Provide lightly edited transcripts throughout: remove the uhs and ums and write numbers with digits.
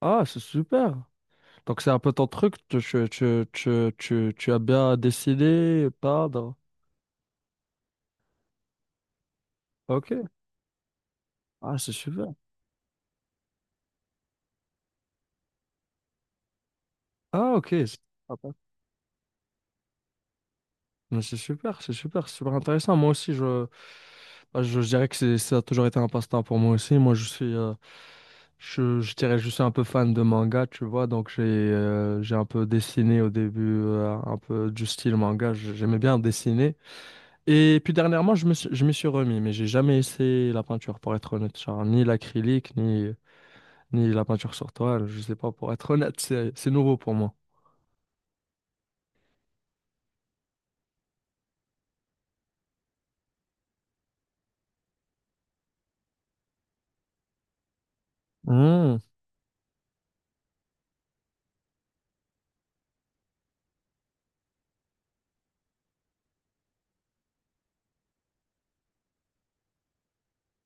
Ah, c'est super. Donc c'est un peu ton truc, tu as bien dessiné, peindre. Ok. Ah, c'est super. Ah, ok, c'est sympa. Mais c'est super, c'est super, c'est super intéressant. Moi aussi, je dirais que ça a toujours été un passe-temps pour moi aussi. Moi, je suis, je dirais, je suis un peu fan de manga, tu vois. Donc j'ai un peu dessiné au début, un peu du style manga. J'aimais bien dessiner. Et puis dernièrement, je m'y suis remis, mais j'ai jamais essayé la peinture, pour être honnête. Genre, ni l'acrylique, ni la peinture sur toile, je sais pas, pour être honnête, c'est nouveau pour moi. Hmm.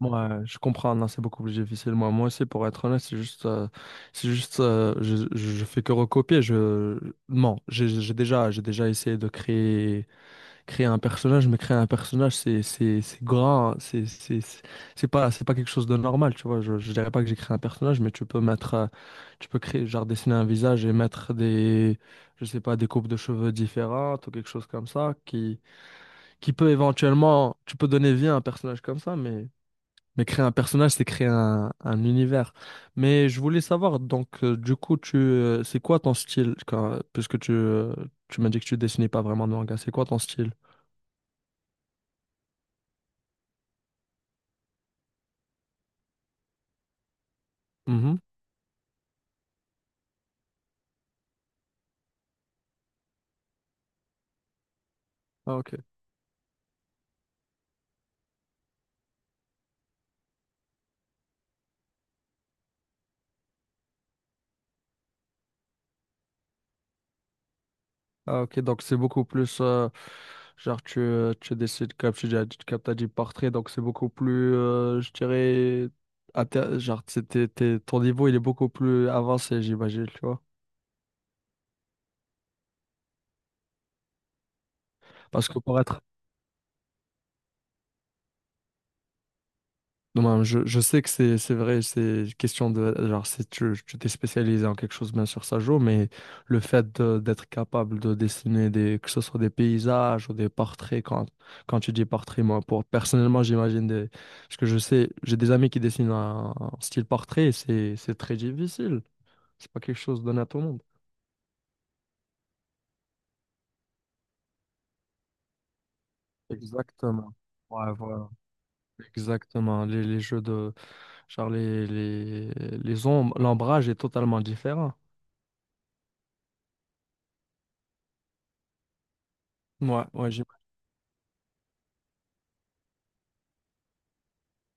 Ouais, je comprends, non, c'est beaucoup plus difficile. Moi aussi, pour être honnête, c'est juste, je fais que recopier. Je, non, j'ai j'ai déjà essayé de créer un personnage, mais créer un personnage, c'est grand, hein, c'est pas quelque chose de normal, tu vois. Je dirais pas que j'ai créé un personnage, mais tu peux mettre, tu peux créer, genre dessiner un visage et mettre des, je sais pas, des coupes de cheveux différentes ou quelque chose comme ça, qui peut éventuellement, tu peux donner vie à un personnage comme ça, mais créer un personnage, c'est créer un univers. Mais je voulais savoir, donc, du coup, c'est quoi ton style, puisque tu m'as dit que tu dessinais pas vraiment de manga, c'est quoi ton style? Mm-hmm. Ah, ok. Ah, ok. Donc, c'est beaucoup plus. Genre, tu décides, comme tu dis, comme t'as dit, portrait. Donc, c'est beaucoup plus, je dirais. Genre, ton niveau, il est beaucoup plus avancé, j'imagine, tu vois. Parce que pour être Non, non, je sais que c'est vrai, c'est question de genre, si tu t'es spécialisé en quelque chose, bien sûr, ça joue, mais le fait d'être capable de dessiner des, que ce soit des paysages ou des portraits, quand tu dis portrait, moi, pour, personnellement, j'imagine des. Parce que je sais, j'ai des amis qui dessinent un style portrait, et c'est très difficile. C'est pas quelque chose donné à tout le monde. Exactement. Ouais, voilà. Exactement. Les jeux de genre, les ombres, l'ombrage est totalement différent. Ouais, ouais,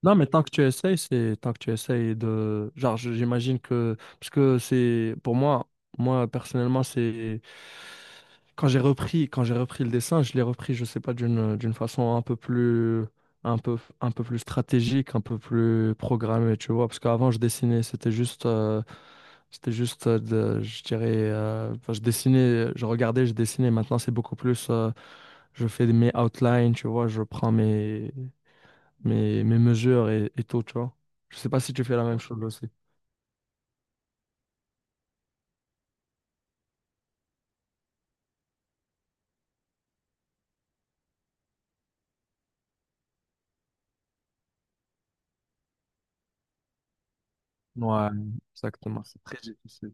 non, mais tant que tu essayes, c'est tant que tu essayes de genre, j'imagine que, parce que c'est pour moi, moi, personnellement, c'est. Quand j'ai repris le dessin, je l'ai repris, je sais pas, d'une façon un peu plus, un peu plus stratégique, un peu plus programmée, tu vois. Parce qu'avant, je dessinais, c'était juste. C'était juste, je dirais, enfin, je dessinais, je regardais, je dessinais. Maintenant, c'est beaucoup plus, je fais mes outlines, tu vois, je prends mes mesures et tout, tu vois. Je sais pas si tu fais la même chose aussi. Ouais, exactement. C'est très difficile.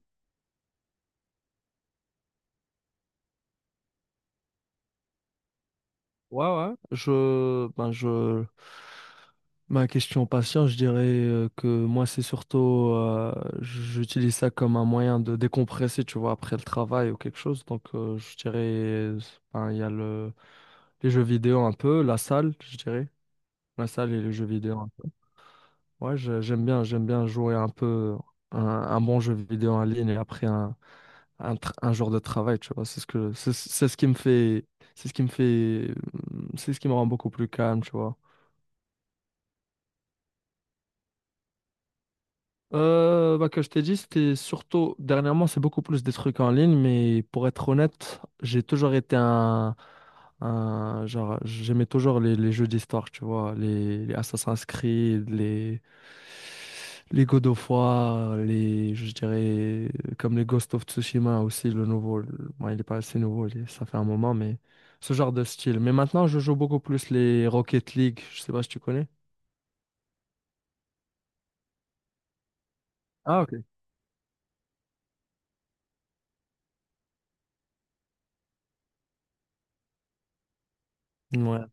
Ouais, ouais. Ma question patient, je dirais que moi, c'est surtout, j'utilise ça comme un moyen de décompresser, tu vois, après le travail ou quelque chose. Donc, je dirais, ben, il y a les jeux vidéo un peu, la salle, je dirais. La salle et les jeux vidéo un peu. Ouais, j'aime bien jouer un peu un bon jeu vidéo en ligne et après un genre de travail, tu vois. C'est ce qui me fait, c'est ce qui me fait, c'est ce qui me rend beaucoup plus calme, tu vois. Que je t'ai dit, c'était surtout, dernièrement, c'est beaucoup plus des trucs en ligne, mais pour être honnête, j'ai toujours été genre, j'aimais toujours les jeux d'histoire, tu vois, les Assassin's Creed, les God of War, les, je dirais, comme les Ghost of Tsushima aussi, bon, il est pas assez nouveau, ça fait un moment, mais ce genre de style. Mais maintenant, je joue beaucoup plus les Rocket League, je sais pas si tu connais. Ah, ok. Ouais.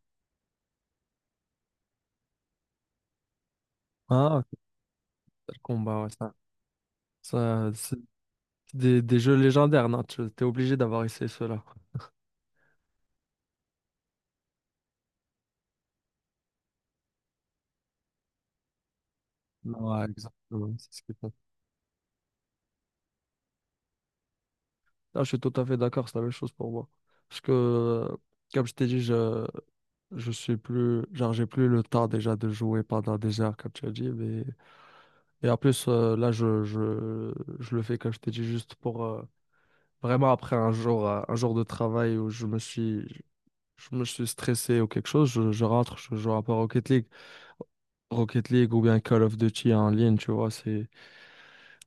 Ah, ok. Mortal Kombat, ouais, ça, c'est des jeux légendaires, non? Tu es obligé d'avoir essayé ceux-là. Ouais, exactement, c'est ce que t'as. Ah, je suis tout à fait d'accord, c'est la même chose pour moi. Parce que, comme je t'ai dit, je suis plus, genre, j'ai plus le temps déjà de jouer pendant des heures, comme tu as dit. Et en plus, je le fais, comme je t'ai dit, juste pour vraiment après un jour de travail où je me suis stressé ou quelque chose, je rentre, je joue un peu à Rocket League, Rocket League ou bien Call of Duty en ligne, tu vois,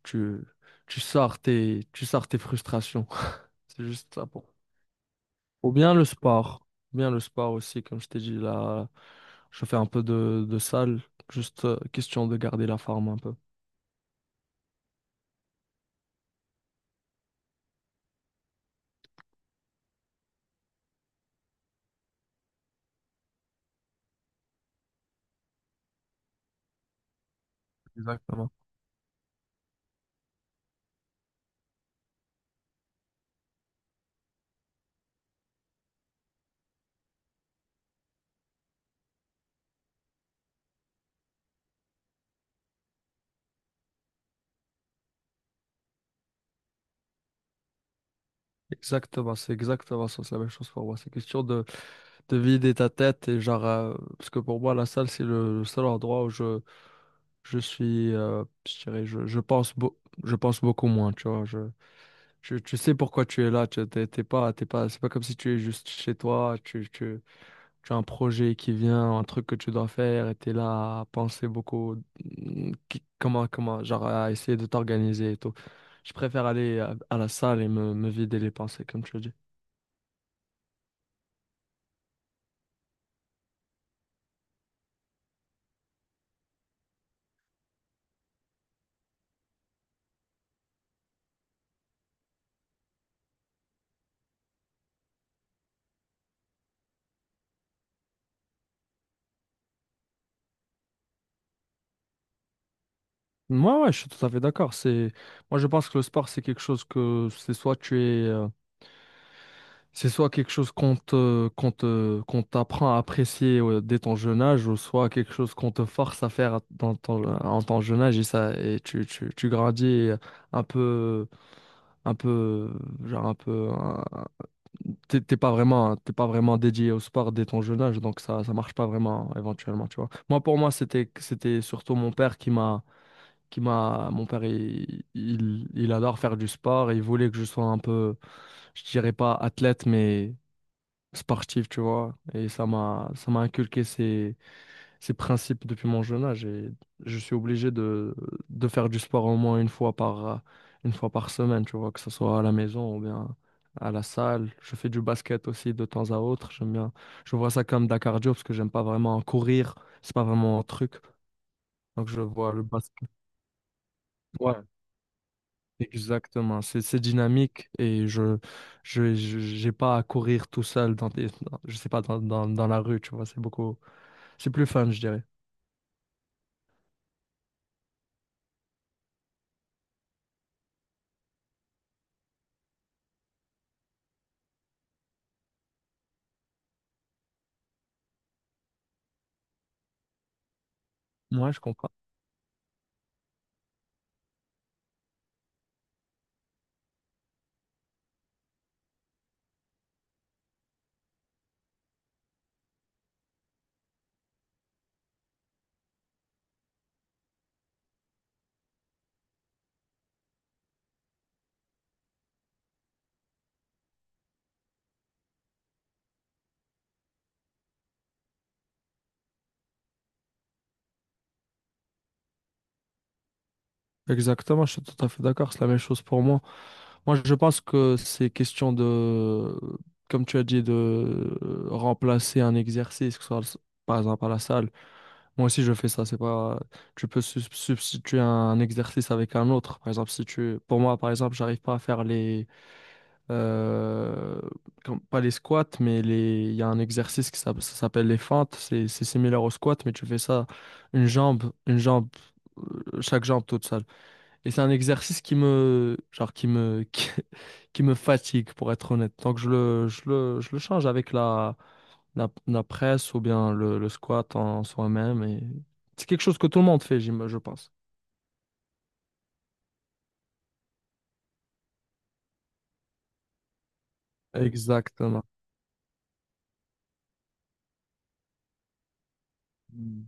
tu, tu sors tu sors tes frustrations. C'est juste ça pour. Ou bien le sport. Ou bien le sport aussi, comme je t'ai dit là. Je fais un peu de salle, juste question de garder la forme un peu. Exactement. Exactement, c'est exactement ça, c'est la même chose pour moi. C'est question de vider ta tête et genre, parce que pour moi, la salle, c'est le seul endroit où je dirais, je pense beaucoup moins, tu vois. Je, tu sais pourquoi tu es là, tu t'es t'es pas, c'est pas comme si tu es juste chez toi, tu as un projet qui vient, un truc que tu dois faire, et t'es là à penser beaucoup, comment, comment, genre à essayer de t'organiser et tout. Je préfère aller à la salle et me vider les pensées, comme tu le dis. Moi, ouais, je suis tout à fait d'accord. Moi, je pense que le sport, c'est quelque chose que c'est soit tu es, c'est soit quelque chose qu'on qu'on t'apprend à apprécier dès ton jeune âge, ou soit quelque chose qu'on te force à faire dans ton, en ton jeune âge et ça, et tu grandis et un peu, un peu, genre un peu, t'es t'es pas vraiment dédié au sport dès ton jeune âge, donc ça marche pas vraiment éventuellement, tu vois. Moi, pour moi, c'était, c'était surtout mon père qui m'a, mon père, il adore faire du sport et il voulait que je sois un peu, je dirais pas athlète, mais sportif, tu vois. Et ça m'a inculqué ces principes depuis mon jeune âge. Et je suis obligé de faire du sport au moins une fois par semaine, tu vois, que ce soit à la maison ou bien à la salle. Je fais du basket aussi de temps à autre. J'aime bien. Je vois ça comme de la cardio parce que j'aime pas vraiment courir. C'est pas vraiment un truc. Donc je vois le basket. Ouais. Exactement, c'est dynamique et j'ai pas à courir tout seul dans je sais pas dans la rue, tu vois, c'est beaucoup, c'est plus fun, je dirais. Moi, je comprends. Exactement, je suis tout à fait d'accord. C'est la même chose pour moi. Moi, je pense que c'est question de, comme tu as dit, de remplacer un exercice, que ce soit par exemple à la salle. Moi aussi, je fais ça. C'est pas, tu peux substituer un exercice avec un autre. Par exemple, si tu, pour moi, par exemple, j'arrive pas à faire les euh, pas les squats, mais les, il y a un exercice qui ça s'appelle les fentes. C'est similaire au squat, mais tu fais ça une jambe, chaque jambe toute seule. Et c'est un exercice genre qui, qui me fatigue, pour être honnête. Donc je le change avec la presse ou bien le squat en soi-même. Et c'est quelque chose que tout le monde fait, je pense. Exactement. Mm.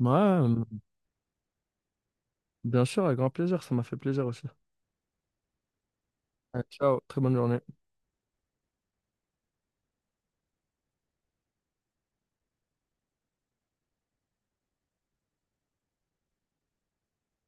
Ouais, bien sûr, avec grand plaisir. Ça m'a fait plaisir aussi. Ouais, Ciao, très bonne journée.